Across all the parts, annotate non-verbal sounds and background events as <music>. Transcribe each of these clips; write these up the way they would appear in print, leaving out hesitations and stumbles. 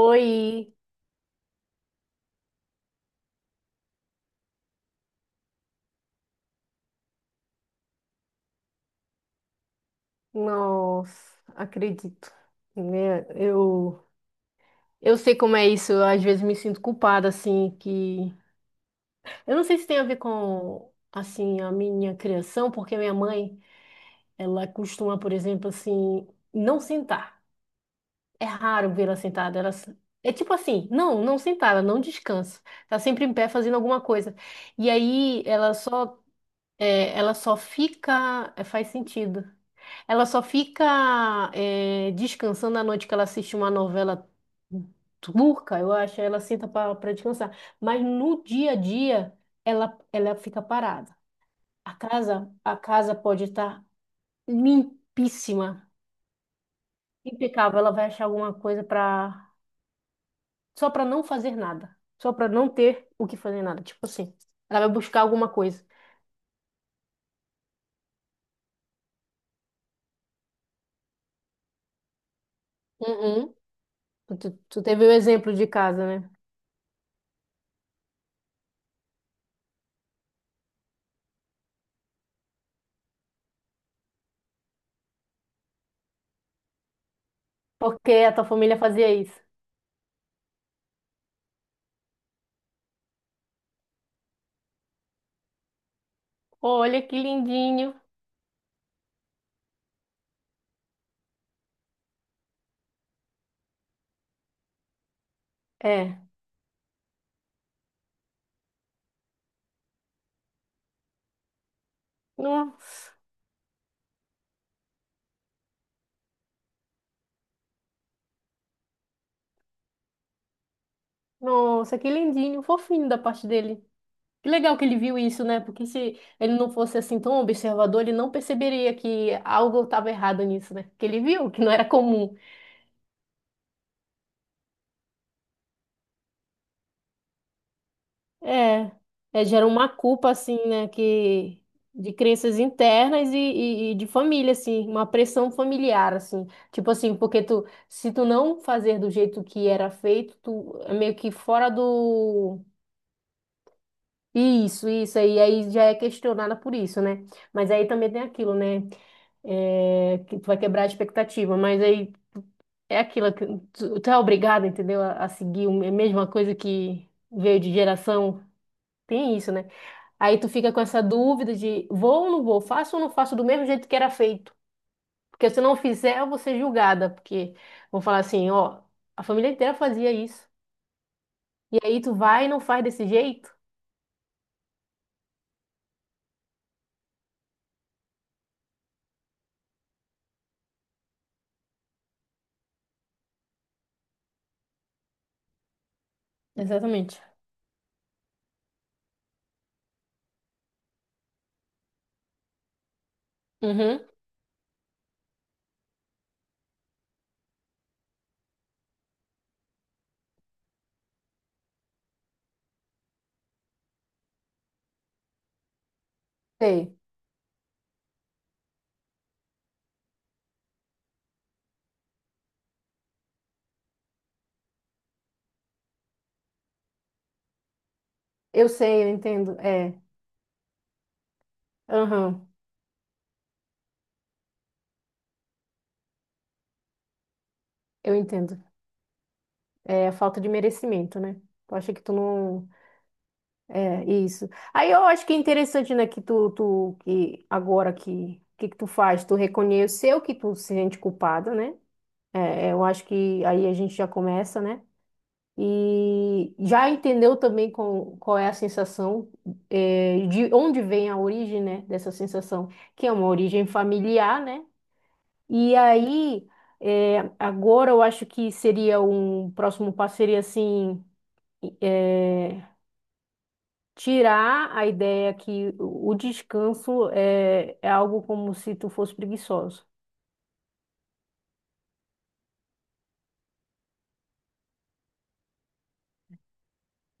Oi, nossa, acredito, né? Eu sei como é isso, eu às vezes me sinto culpada, assim, que... Eu não sei se tem a ver com, assim, a minha criação, porque minha mãe, ela costuma, por exemplo, assim, não sentar. É raro vê-la sentada, ela... se- É tipo assim, não sentar, ela não descansa. Tá sempre em pé fazendo alguma coisa. E aí, ela só fica... é, faz sentido. Ela só fica descansando à noite que ela assiste uma novela turca, eu acho, ela senta para descansar. Mas no dia a dia, ela fica parada. A casa pode estar limpíssima, impecável. Ela vai achar alguma coisa para só para não fazer nada, só para não ter o que fazer nada. Tipo assim, ela vai buscar alguma coisa. Uhum. Tu teve o exemplo de casa, né? Porque a tua família fazia isso. Olha que lindinho. É. Nossa, nossa, que lindinho, fofinho da parte dele. Que legal que ele viu isso, né? Porque se ele não fosse assim tão observador, ele não perceberia que algo estava errado nisso, né? Que ele viu que não era comum. É, é, gera uma culpa assim, né? Que de crenças internas e de família, assim, uma pressão familiar, assim. Tipo assim, porque tu, se tu não fazer do jeito que era feito, tu é meio que fora do. Isso aí, aí já é questionada por isso, né? Mas aí também tem aquilo, né? É, que tu vai quebrar a expectativa, mas aí é aquilo que tu é obrigado, entendeu? A seguir a mesma coisa que veio de geração. Tem isso, né? Aí tu fica com essa dúvida de vou ou não vou, faço ou não faço do mesmo jeito que era feito. Porque se eu não fizer, eu vou ser julgada, porque vão falar assim, ó, a família inteira fazia isso. E aí tu vai e não faz desse jeito. Exatamente. Uhum. Sei. Eu sei, eu entendo. É, aham, eu entendo. É a falta de merecimento, né? Tu acha que tu não. É isso. Aí eu acho que é interessante, né, que tu que agora que, o que que tu faz? Tu reconheceu que tu se sente culpada, né? É, eu acho que aí a gente já começa, né? E já entendeu também com, qual é a sensação, é, de onde vem a origem, né, dessa sensação, que é uma origem familiar, né? E aí, é, agora eu acho que seria um próximo passo seria assim, é, tirar a ideia que o descanso é, é algo como se tu fosse preguiçoso.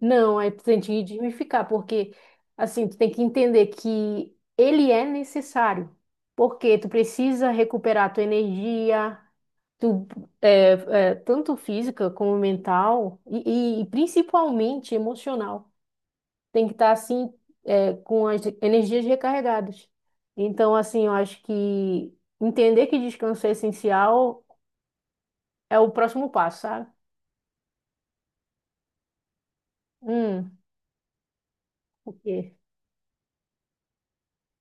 Não, aí tu tem que desmificar, porque assim, tu tem que entender que ele é necessário, porque tu precisa recuperar tua energia, tu, é, é, tanto física como mental, e principalmente emocional. Tem que estar assim, é, com as energias recarregadas. Então, assim, eu acho que entender que descanso é essencial é o próximo passo, sabe? Hum, o quê?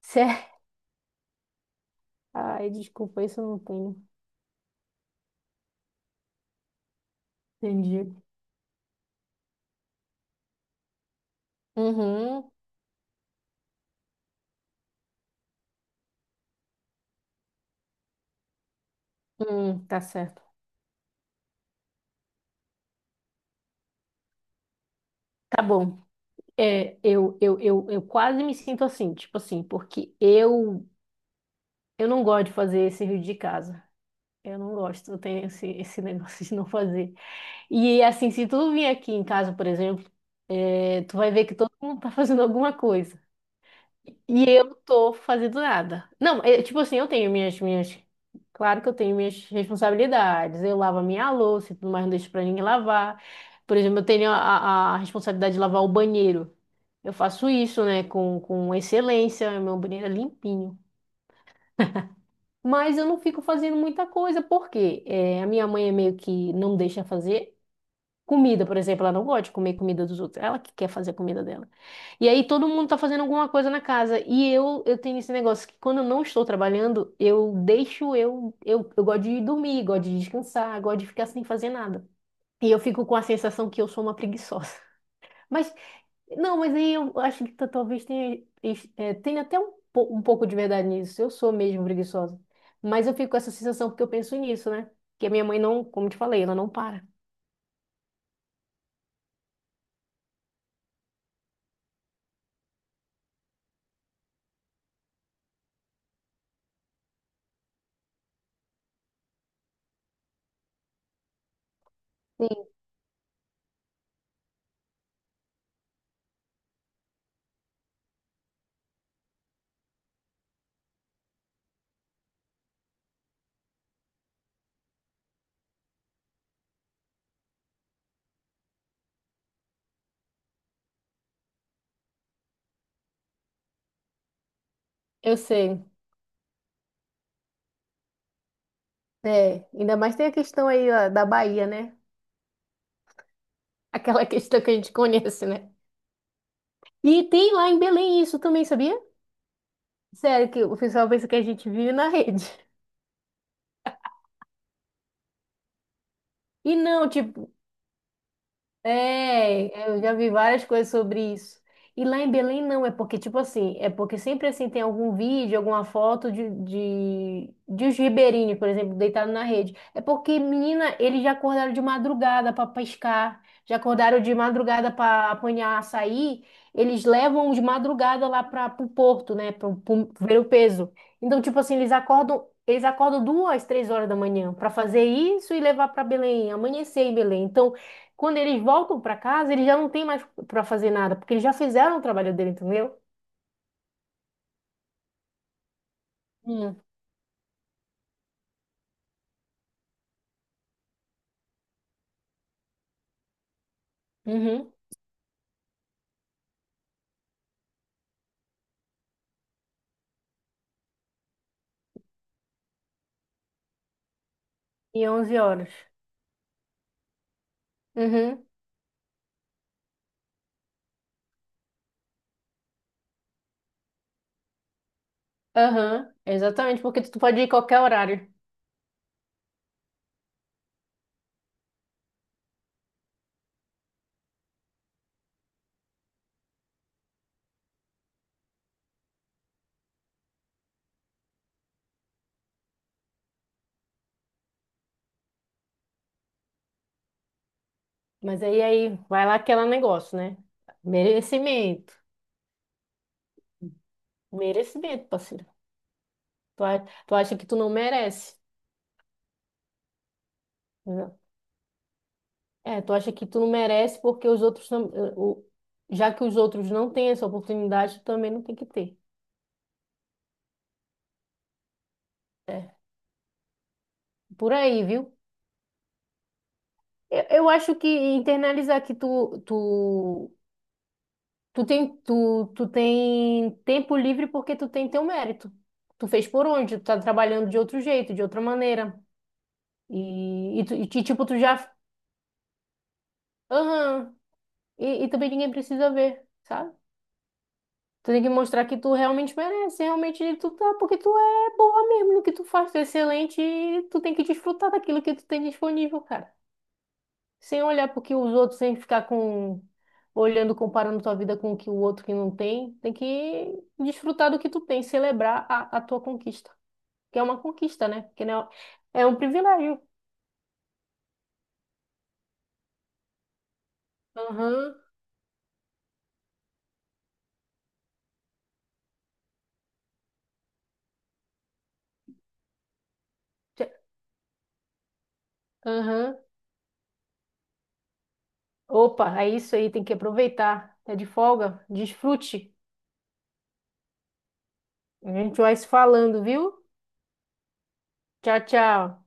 Certo. Ai, desculpa, isso eu não tenho. Entendi. Uhum. Tá certo. Tá bom. É, eu quase me sinto assim, tipo assim, porque eu não gosto de fazer esse serviço de casa. Eu não gosto, eu tenho esse <laughs> negócio de não fazer. E assim, se tu vir aqui em casa, por exemplo, eh, tu vai ver que todo mundo tá <laughs> fazendo alguma coisa. E eu tô fazendo nada. Não, é, tipo assim, eu tenho minhas. Claro que eu tenho minhas responsabilidades. Eu lavo a minha louça e tudo mais, não deixo pra ninguém lavar. Por exemplo, eu tenho a responsabilidade de lavar o banheiro. Eu faço isso, né, com excelência. É Meu banheiro é limpinho. Mas eu não fico fazendo muita coisa, porque a minha mãe é meio que não deixa fazer. Comida, por exemplo, ela não gosta de comer comida dos outros. Ela que quer fazer a comida dela. E aí todo mundo tá fazendo alguma coisa na casa. E eu tenho esse negócio que quando eu não estou trabalhando, eu deixo eu gosto de dormir, gosto de descansar, gosto de ficar sem fazer nada. E eu fico com a sensação que eu sou uma preguiçosa. <laughs> Mas, não, mas aí eu acho que talvez tenha, tenha até um, um pouco de verdade nisso. Eu sou mesmo preguiçosa. Mas eu fico com essa sensação porque eu penso nisso, né? Que a minha mãe não, como te falei, ela não para. Sim, eu sei. É, ainda mais tem a questão aí ó, da Bahia, né? <laughs> Aquela questão que a gente conhece, né? E tem lá em Belém isso também, sabia? Sério, que o pessoal pensa que a gente vive na rede. E não, tipo, é, eu já vi várias coisas sobre isso. E lá em Belém não, é porque, tipo assim, é porque sempre assim tem algum vídeo, alguma foto de os ribeirinhos, por exemplo, deitado na rede. É porque, menina, eles já acordaram de madrugada para pescar, já acordaram de madrugada para apanhar açaí, eles levam de madrugada lá para o porto, né, para ver o peso. Então, tipo assim, eles acordam. Eles acordam duas, três horas da manhã para fazer isso e levar para Belém, amanhecer em Belém. Então, quando eles voltam para casa, eles já não têm mais para fazer nada, porque eles já fizeram o trabalho dele, entendeu? Hum. Uhum. E 11 horas. Uhum. Aham. Exatamente, porque tu pode ir em qualquer horário. Mas aí, aí, vai lá aquele negócio, né? Merecimento. Merecimento, parceiro. Tu, a- tu acha que tu não merece. Entendeu? É, tu acha que tu não merece porque os outros não, o, já que os outros não têm essa oportunidade, tu também não tem que ter. Por aí, viu? Eu acho que internalizar que tu tem, tu tem tempo livre porque tu tem teu mérito. Tu fez por onde? Tu tá trabalhando de outro jeito, de outra maneira. Tipo, tu já. Aham. E também ninguém precisa ver, sabe? Tu tem que mostrar que tu realmente merece, realmente tu tá, porque tu é boa mesmo no que tu faz, tu é excelente e tu tem que desfrutar daquilo que tu tem disponível, cara. Sem olhar porque os outros, sem ficar com olhando, comparando tua vida com o que o outro que não tem, tem que desfrutar do que tu tem, celebrar a tua conquista, que é uma conquista, né? Porque não é um privilégio. Aham. Tchê, aham. Opa, é isso aí, tem que aproveitar. É de folga, desfrute. A gente vai se falando, viu? Tchau, tchau.